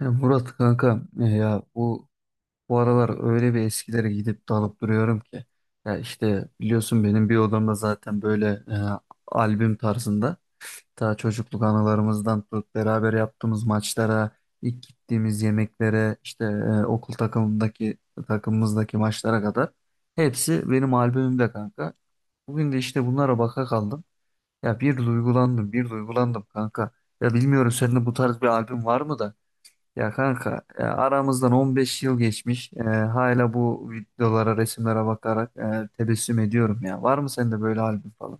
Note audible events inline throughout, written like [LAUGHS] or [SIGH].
Ya Murat kanka, bu aralar öyle bir eskilere gidip dalıp duruyorum ki ya işte biliyorsun benim bir odamda zaten böyle, albüm tarzında ta çocukluk anılarımızdan tut beraber yaptığımız maçlara ilk gittiğimiz yemeklere işte, okul takımındaki maçlara kadar hepsi benim albümümde kanka. Bugün de işte bunlara baka kaldım. Ya bir duygulandım, bir duygulandım kanka. Ya bilmiyorum senin de bu tarz bir albüm var mı da? Ya kanka, aramızdan 15 yıl geçmiş. E, hala bu videolara, resimlere bakarak, tebessüm ediyorum ya. Var mı sende böyle albüm falan?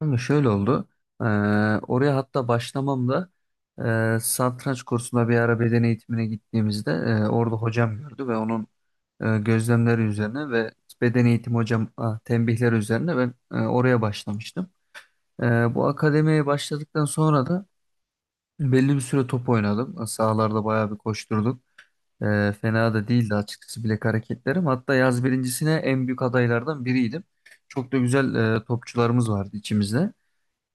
Kanka şöyle oldu. E, Oraya hatta başlamamda, satranç kursuna bir ara beden eğitimine gittiğimizde, orada hocam gördü ve onun gözlemleri üzerine ve beden eğitim hocam, tembihleri üzerine ben oraya başlamıştım. Bu akademiye başladıktan sonra da belli bir süre top oynadım. Sahalarda bayağı bir koşturduk. Fena da değildi açıkçası bilek hareketlerim. Hatta yaz birincisine en büyük adaylardan biriydim. Çok da güzel topçularımız vardı içimizde.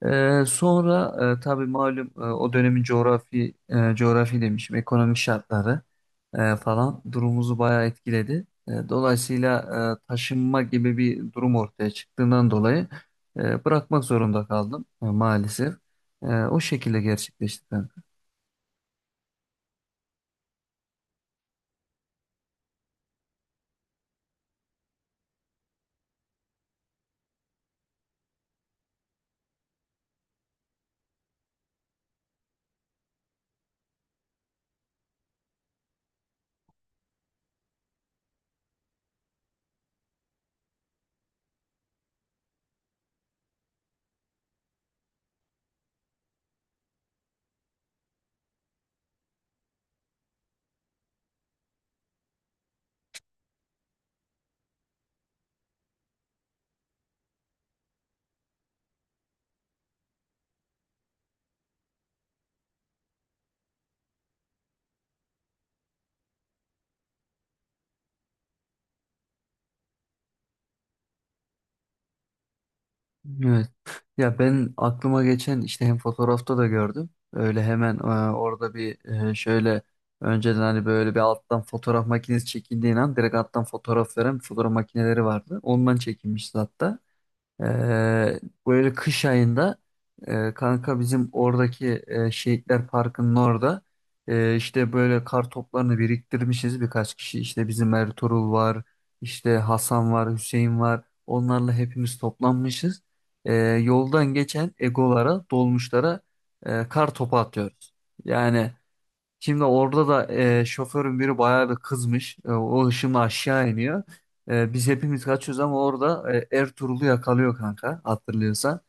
Sonra tabii malum, o dönemin coğrafi, ekonomik şartları falan durumumuzu bayağı etkiledi. Dolayısıyla taşınma gibi bir durum ortaya çıktığından dolayı bırakmak zorunda kaldım maalesef. O şekilde gerçekleşti. Ben. Evet. Ya ben aklıma geçen işte hem fotoğrafta da gördüm. Öyle hemen, orada bir şöyle önceden hani böyle bir alttan fotoğraf makinesi çekildiği an direkt alttan fotoğraf veren fotoğraf makineleri vardı. Ondan çekilmişti hatta. Ee, Böyle kış ayında, kanka bizim oradaki Şehitler Parkı'nın orada, işte böyle kar toplarını biriktirmişiz birkaç kişi. İşte bizim Ertuğrul var, işte Hasan var, Hüseyin var. Onlarla hepimiz toplanmışız. Yoldan geçen egolara, dolmuşlara, kar topu atıyoruz. Yani şimdi orada da, şoförün biri bayağı bir kızmış. E, o hışımla aşağı iniyor. E, biz hepimiz kaçıyoruz ama orada, Ertuğrul'u yakalıyor kanka hatırlıyorsan.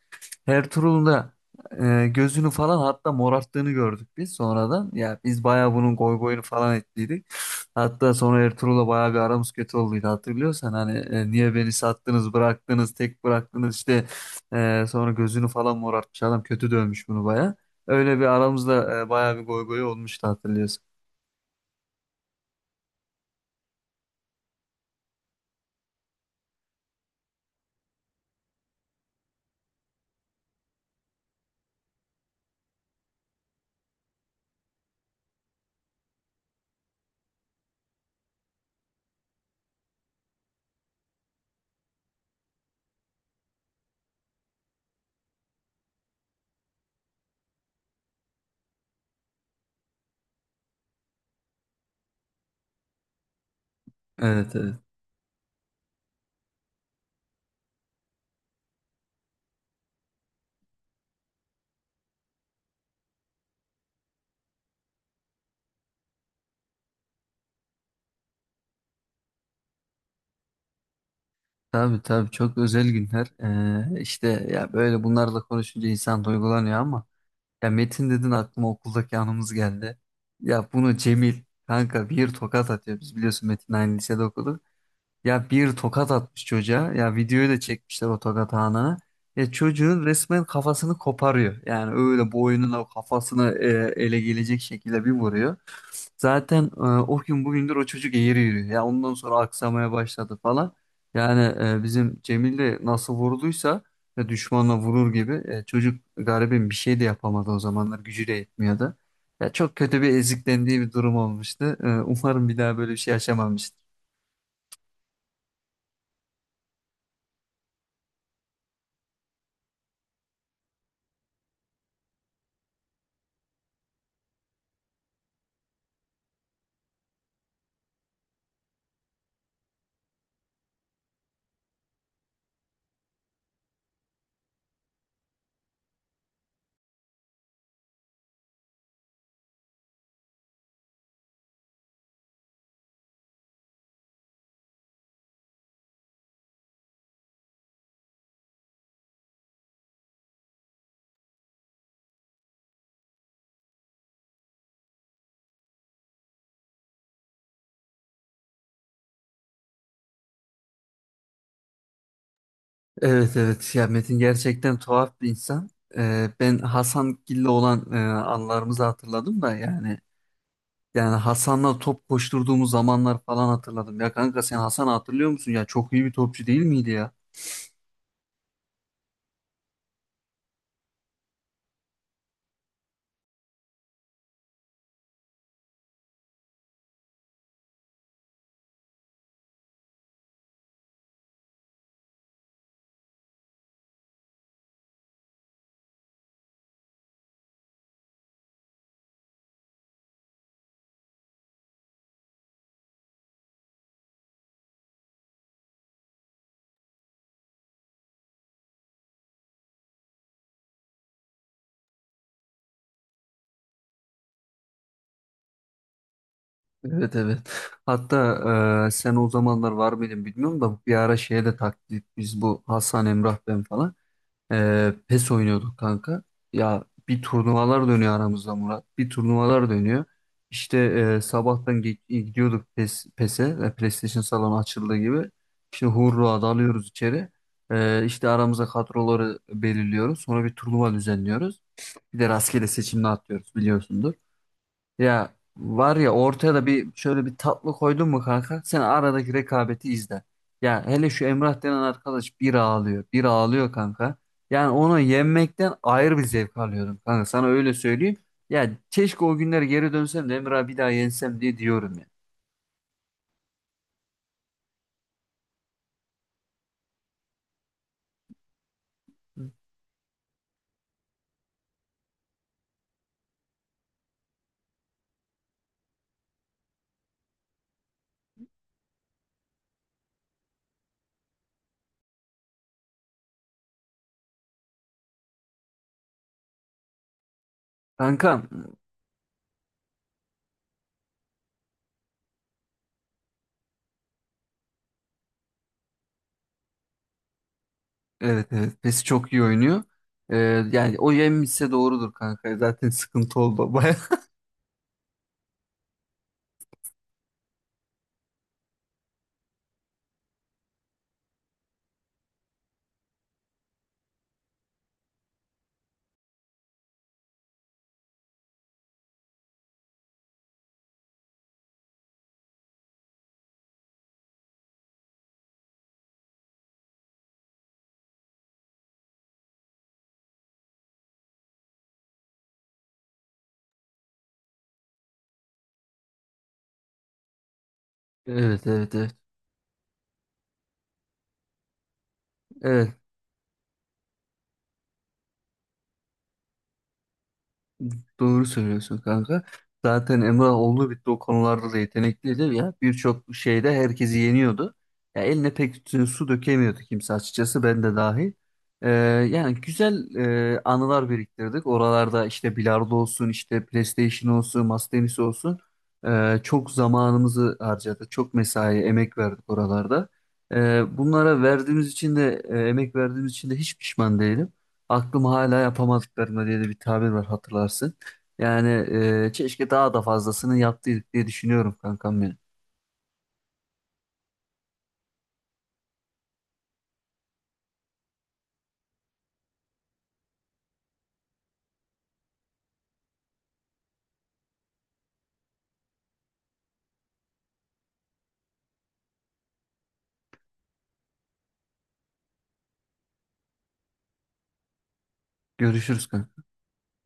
Ertuğrul'un da, gözünü falan hatta morarttığını gördük biz sonradan. Ya biz bayağı bunun goy goyunu falan ettiydik. Hatta sonra Ertuğrul'la bayağı bir aramız kötü olduydu hatırlıyorsan. Hani, niye beni sattınız bıraktınız tek bıraktınız işte, sonra gözünü falan morartmış adam kötü dövmüş bunu bayağı. Öyle bir aramızda, bayağı bir goy goy olmuştu hatırlıyorsun. Evet, evet. Tabii, tabii çok özel günler. İşte ya böyle bunlarla konuşunca insan duygulanıyor ama ya Metin dedin aklıma okuldaki anımız geldi. Ya bunu Cemil kanka bir tokat atıyor. Biz biliyorsun Metin aynı lisede okudu. Ya bir tokat atmış çocuğa. Ya videoyu da çekmişler o tokat anını. Ya çocuğun resmen kafasını koparıyor. Yani öyle boynuna kafasını ele gelecek şekilde bir vuruyor. Zaten, o gün bugündür o çocuk eğri yürüyor. Ya ondan sonra aksamaya başladı falan. Yani, bizim Cemil de nasıl vurulduysa düşmanla vurur gibi, çocuk garibim bir şey de yapamadı, o zamanlar gücü de yetmiyordu. Ya çok kötü bir eziklendiği bir durum olmuştu. E, umarım bir daha böyle bir şey yaşamamıştır. Evet, evet ya Metin gerçekten tuhaf bir insan. Ben Hasan Gil'le olan anılarımızı hatırladım da yani, Hasan'la top koşturduğumuz zamanlar falan hatırladım. Ya kanka sen Hasan'ı hatırlıyor musun? Ya çok iyi bir topçu değil miydi ya? Evet, evet. Hatta, sen o zamanlar var mıydın bilmiyorum da bir ara şeye de taktik biz bu Hasan, Emrah ben falan. PES oynuyorduk kanka. Ya bir turnuvalar dönüyor aramızda Murat. Bir turnuvalar dönüyor. İşte sabahtan gidiyorduk PES'e. PlayStation salonu açıldığı gibi. Şimdi Hurra dalıyoruz içeri. İşte aramıza kadroları belirliyoruz. Sonra bir turnuva düzenliyoruz. Bir de rastgele seçimle atlıyoruz biliyorsundur. Ya var ya ortaya da bir şöyle bir tatlı koydun mu kanka sen aradaki rekabeti izle. Ya hele şu Emrah denen arkadaş bir ağlıyor bir ağlıyor kanka. Yani onu yenmekten ayrı bir zevk alıyorum kanka sana öyle söyleyeyim. Ya keşke o günler geri dönsem de Emrah'ı bir daha yensem diye diyorum ya. Kanka evet, evet pesi çok iyi oynuyor. Ee, Yani o yenmişse doğrudur kanka, zaten sıkıntı oldu baya. [LAUGHS] Evet, evet, evet. Evet. Doğru söylüyorsun kanka. Zaten Emrah oldu bitti o konularda da yetenekliydi ya. Birçok şeyde herkesi yeniyordu. Ya eline pek su dökemiyordu kimse açıkçası ben de dahil. Ee, yani güzel anılar biriktirdik. Oralarda işte bilardo olsun, işte PlayStation olsun, masa tenisi olsun. Çok zamanımızı harcadık. Çok mesai, emek verdik oralarda. Bunlara verdiğimiz için de, emek verdiğimiz için de hiç pişman değilim, aklım hala yapamadıklarına diye de bir tabir var hatırlarsın. Yani, keşke daha da fazlasını yaptıydık diye düşünüyorum kankam benim. Görüşürüz kankam.